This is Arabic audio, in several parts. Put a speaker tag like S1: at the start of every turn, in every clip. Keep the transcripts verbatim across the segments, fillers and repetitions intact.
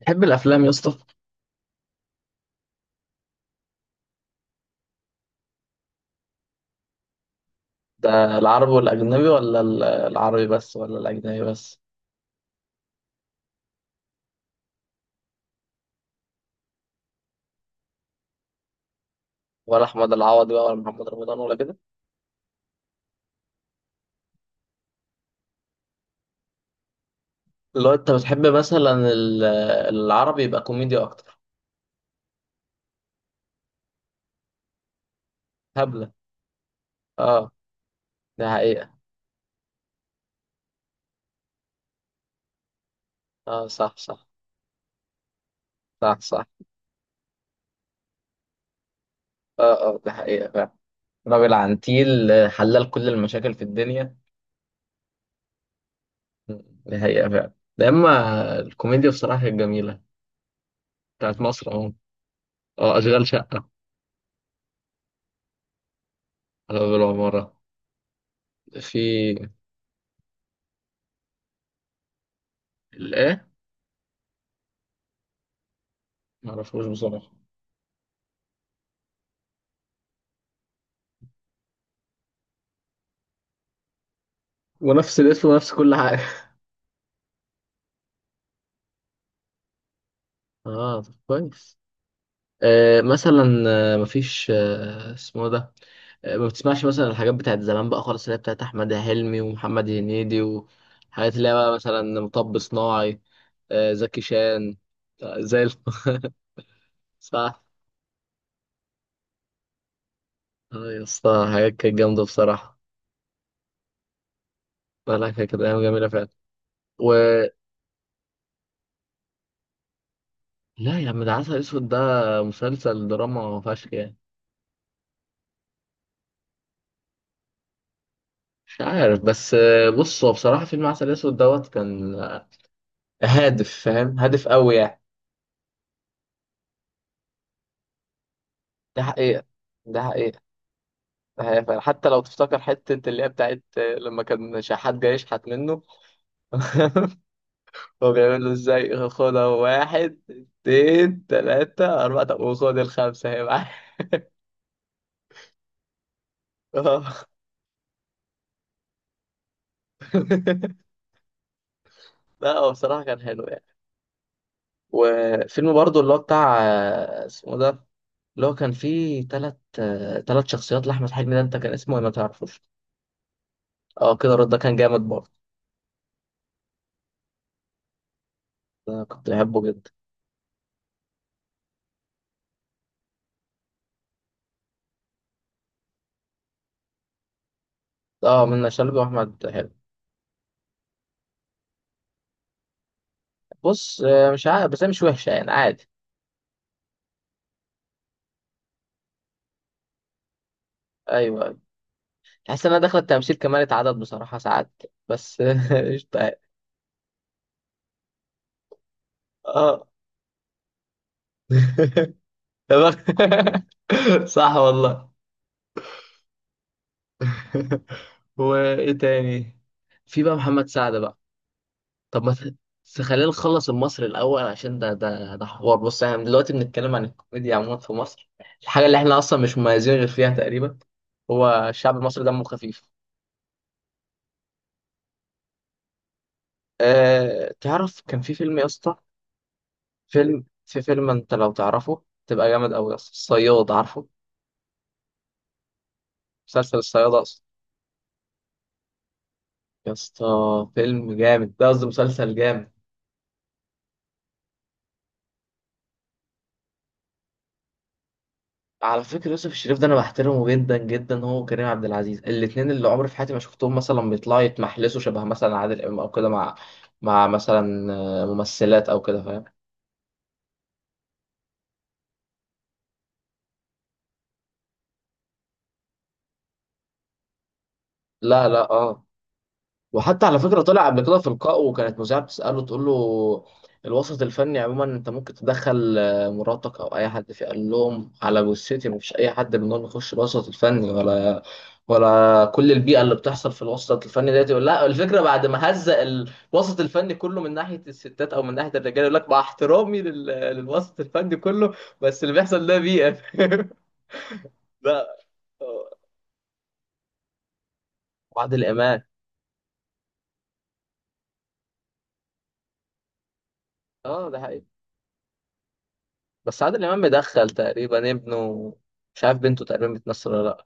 S1: تحب الافلام يا اسطى؟ ده العربي والاجنبي ولا ال- العربي بس ولا الاجنبي بس؟ ولا احمد العوضي بقى ولا محمد رمضان ولا كده؟ اللي هو انت بتحب مثلا ال- العربي يبقى كوميديا اكتر؟ هبله. اه، ده حقيقه. اه، صح صح صح صح. اه اه ده حقيقه فعلا. راجل عنتيل، حلال كل المشاكل في الدنيا. م، ده حقيقه فعلا. ده اما الكوميديا بصراحه كانت جميله، بتاعت مصر اهو. اه، اشغال شقه، على باب العماره. في الايه؟ معرفوش بصراحه. ونفس الاسم ونفس كل حاجة؟ اه طب كويس. آه مثلا آه مفيش آه اسمه ده. آه ما بتسمعش مثلا الحاجات بتاعت زمان بقى خالص اللي هي بتاعت أحمد حلمي ومحمد هنيدي وحاجات اللي هي بقى مثلا مطب صناعي. آه زكي شان. آه زي الف... صح. اه يا اسطى حاجات كانت جامدة بصراحة. لا لا، كانت كانت أيام جميلة فعلا. و لا يا عم، ده عسل أسود ده مسلسل دراما فشخ يعني. مش عارف بس آه، بص هو بصراحة فيلم عسل أسود دوت كان هادف، فاهم، هادف قوي يعني. ده حقيقة، ده حقيقة، ده حقيقة فعلا. حتى لو تفتكر حتة اللي هي بتاعت لما كان شحات جاي يشحت منه. هو بيعمل له ازاي، خدها واحد اتنين تلاتة أربعة، طب وخد الخمسة هي معاك. اه. لا هو بصراحة كان حلو يعني. وفيلم برضه اللي هو بتاع، اسمه ده، اللي هو كان فيه تلات تلات شخصيات لأحمد حلمي ده، أنت كان اسمه إيه؟ ما تعرفوش. اه كده رد ده كان جامد برضه، ده كنت بحبه جدا. اه، من شلبي واحمد حلمي. بص آه، مش عارف بس هي مش وحشه يعني عادي. ايوه، أيوة. تحس انها داخله التمثيل كمالة عدد بصراحه ساعات، بس قشطه يعني. اه تمام. صح والله. وايه تاني؟ في بقى محمد سعد بقى. طب ما ت- خلينا نخلص المصري الاول، عشان ده ده ده حوار. بص احنا دلوقتي بنتكلم عن الكوميديا عموما في مصر، الحاجه اللي احنا اصلا مش مميزين غير فيها تقريبا، هو الشعب المصري دمه خفيف. أه تعرف كان في فيلم يا اسطى، فيلم في فيلم انت لو تعرفه تبقى جامد قوي يا اسطى، الصياد، عارفه؟ مسلسل الصياد اصلا. يا اسطى فيلم جامد ده، قصدي مسلسل جامد. على فكرة يوسف الشريف ده انا بحترمه جدا جدا، هو وكريم عبد العزيز الاتنين، اللي عمري في حياتي ما شفتهم مثلا بيطلعوا يتمحلسوا شبه مثلا عادل امام او كده، مع مع مثلا آه، ممثلات او كده فاهم. لا لا اه. وحتى على فكرة طلع قبل كده في لقاء، وكانت مذيعة بتسأله تقول له، الوسط الفني عموما انت ممكن تدخل آه، مراتك او اي حد فيه؟ قال لهم على جثتي، مفيش اي حد منهم يخش الوسط الفني ولا ولا كل البيئة اللي بتحصل في الوسط الفني ديت. يقول لا، الفكرة بعد ما هزق الوسط الفني كله من ناحية الستات او من ناحية الرجال، يقول لك مع احترامي لل... للوسط الفني كله، بس اللي بيحصل ده بيئة. ده بعد الإيمان. اه ده حقيقي. بس عادل امام مدخل تقريبا ابنه، مش عارف بنته تقريبا بتمثل ولا لا.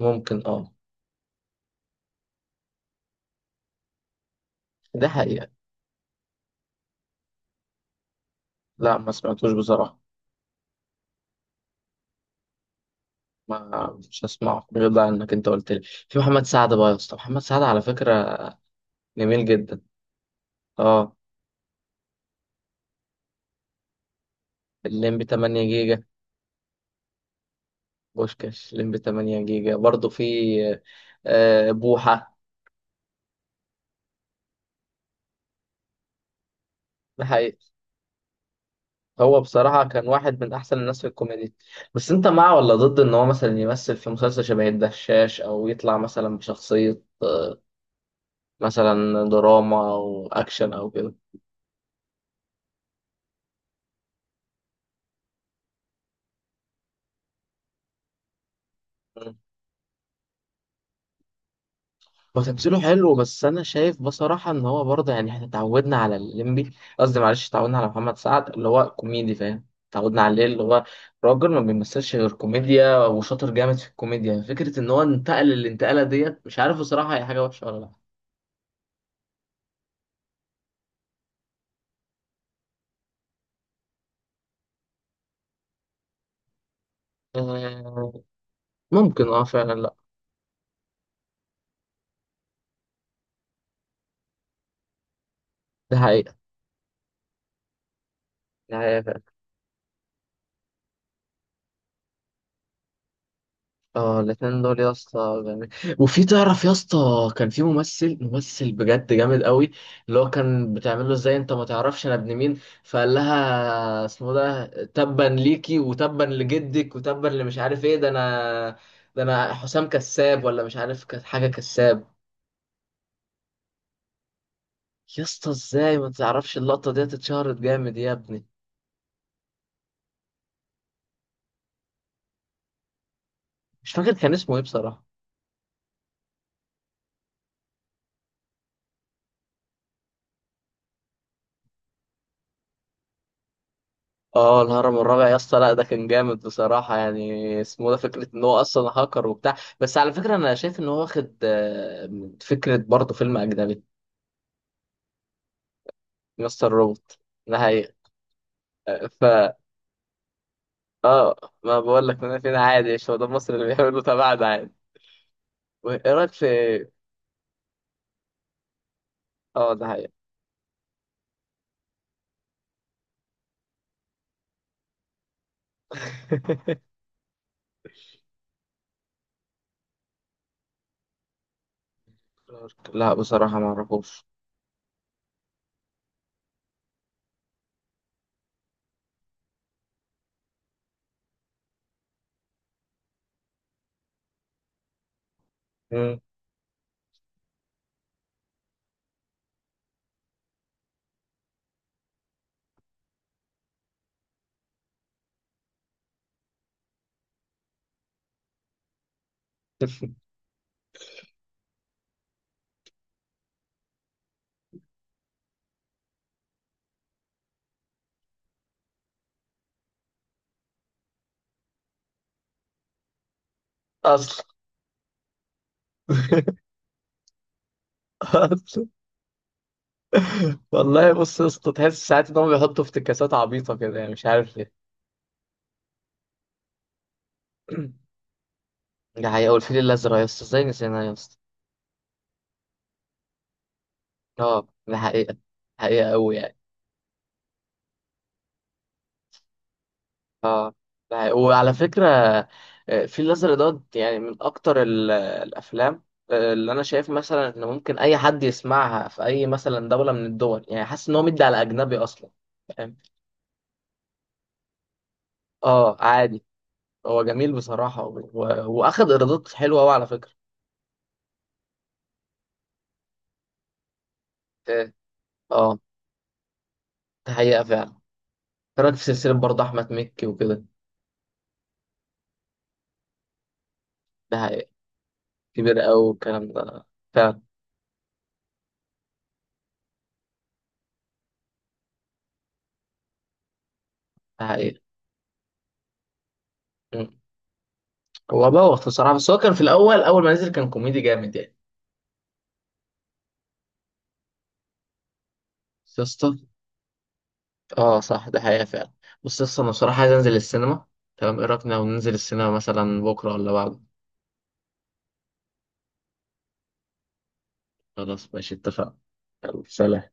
S1: ممكن اه. ده حقيقة. لا ما سمعتوش بصراحة. ما مش هسمعه غير بقى انك انت قلت لي. في محمد سعد بقى يا اسطى، محمد سعد على فكرة جميل جدا. اه الليمبي تمانية جيجا، بوشكاش الليمبي تمانية جيجا برضه، في آه بوحة. ده حقيقة. هو بصراحة كان واحد من أحسن الناس في الكوميديا، بس أنت مع ولا ضد إن هو مثلا يمثل في مسلسل شبه الدشاش، أو يطلع مثلا بشخصية مثلا دراما او اكشن او كده؟ مم. هو تمثيله حلو بس انا شايف بصراحه ان هو برضه يعني احنا اتعودنا على الليمبي. قصدي معلش، اتعودنا على محمد سعد اللي هو كوميدي، فاهم، اتعودنا عليه، اللي هو راجل ما بيمثلش غير كوميديا وشاطر جامد في الكوميديا، فكره ان هو انتقل الانتقاله ديت مش عارف بصراحه هي حاجه وحشه ولا لا. آه، ممكن اه فعلا لا. ده حقيقه. ده حقيقة فعلا. اه الاتنين دول يا اسطى جامد. وفي تعرف يا اسطى، كان في ممثل ممثل بجد جامد قوي، اللي هو كان بتعمل له ازاي انت ما تعرفش انا ابن مين؟ فقال لها اسمه ده تبا ليكي وتبا لجدك وتبا اللي مش عارف ايه، ده انا ده انا حسام كساب ولا مش عارف كانت حاجه كساب. يا اسطى ازاي ما تعرفش؟ اللقطه دي اتشهرت جامد يا ابني. مش فاكر كان اسمه ايه بصراحه. اه الهرم الرابع يا اسطى، لا ده كان جامد بصراحة يعني، اسمه ده فكرة ان هو اصلا هاكر وبتاع، بس على فكرة انا شايف ان هو واخد آه، من فكرة برضه فيلم اجنبي. مستر روبوت، ده حقيقة. آه، ف اه ما بقول لك انا، فين عادي؟ مش هو ده مصر اللي بيعملوا تبعنا عادي. وايه رايك في؟ اه ده حقيقة. لا بصراحة ما اعرفوش. مم. اصلا اصلا والله، بص يا اسطى تحس ساعات ان هم بيحطوا افتكاسات عبيطة كده يعني مش عارف ليه. ده حقيقة، والفيل الأزرق يا اسطى، ازاي نسيناه يا اسطى. اه ده حقيقة، حقيقة أوي يعني. اه ده حقيقة. وعلى فكرة آه، الفيل الأزرق ده يعني من أكتر ال- الأفلام آه، اللي أنا شايف مثلا إن ممكن أي حد يسمعها في أي مثلا دولة من الدول، يعني حاسس إن هو مدي على أجنبي أصلا، فاهم. اه عادي، هو جميل بصراحة و... و... وأخد إيرادات حلوة أوي على فكرة. اه آه، ده حقيقة فعلا. كانت في سلسلة برضه أحمد مكي وكده، ده حقيقة، كبير أوي الكلام ده فعلا، ده حقيقة. هو بوخ الصراحه، بس هو كان في الاول اول ما نزل كان كوميدي جامد يعني. بس يا اسطى اه صح ده حقيقه فعلا. بس يا اسطى انا بصراحه عايز انزل السينما، تمام؟ ايه رايك لو ننزل السينما مثلا بكره ولا بعد؟ خلاص ماشي اتفقنا، يلا سلام.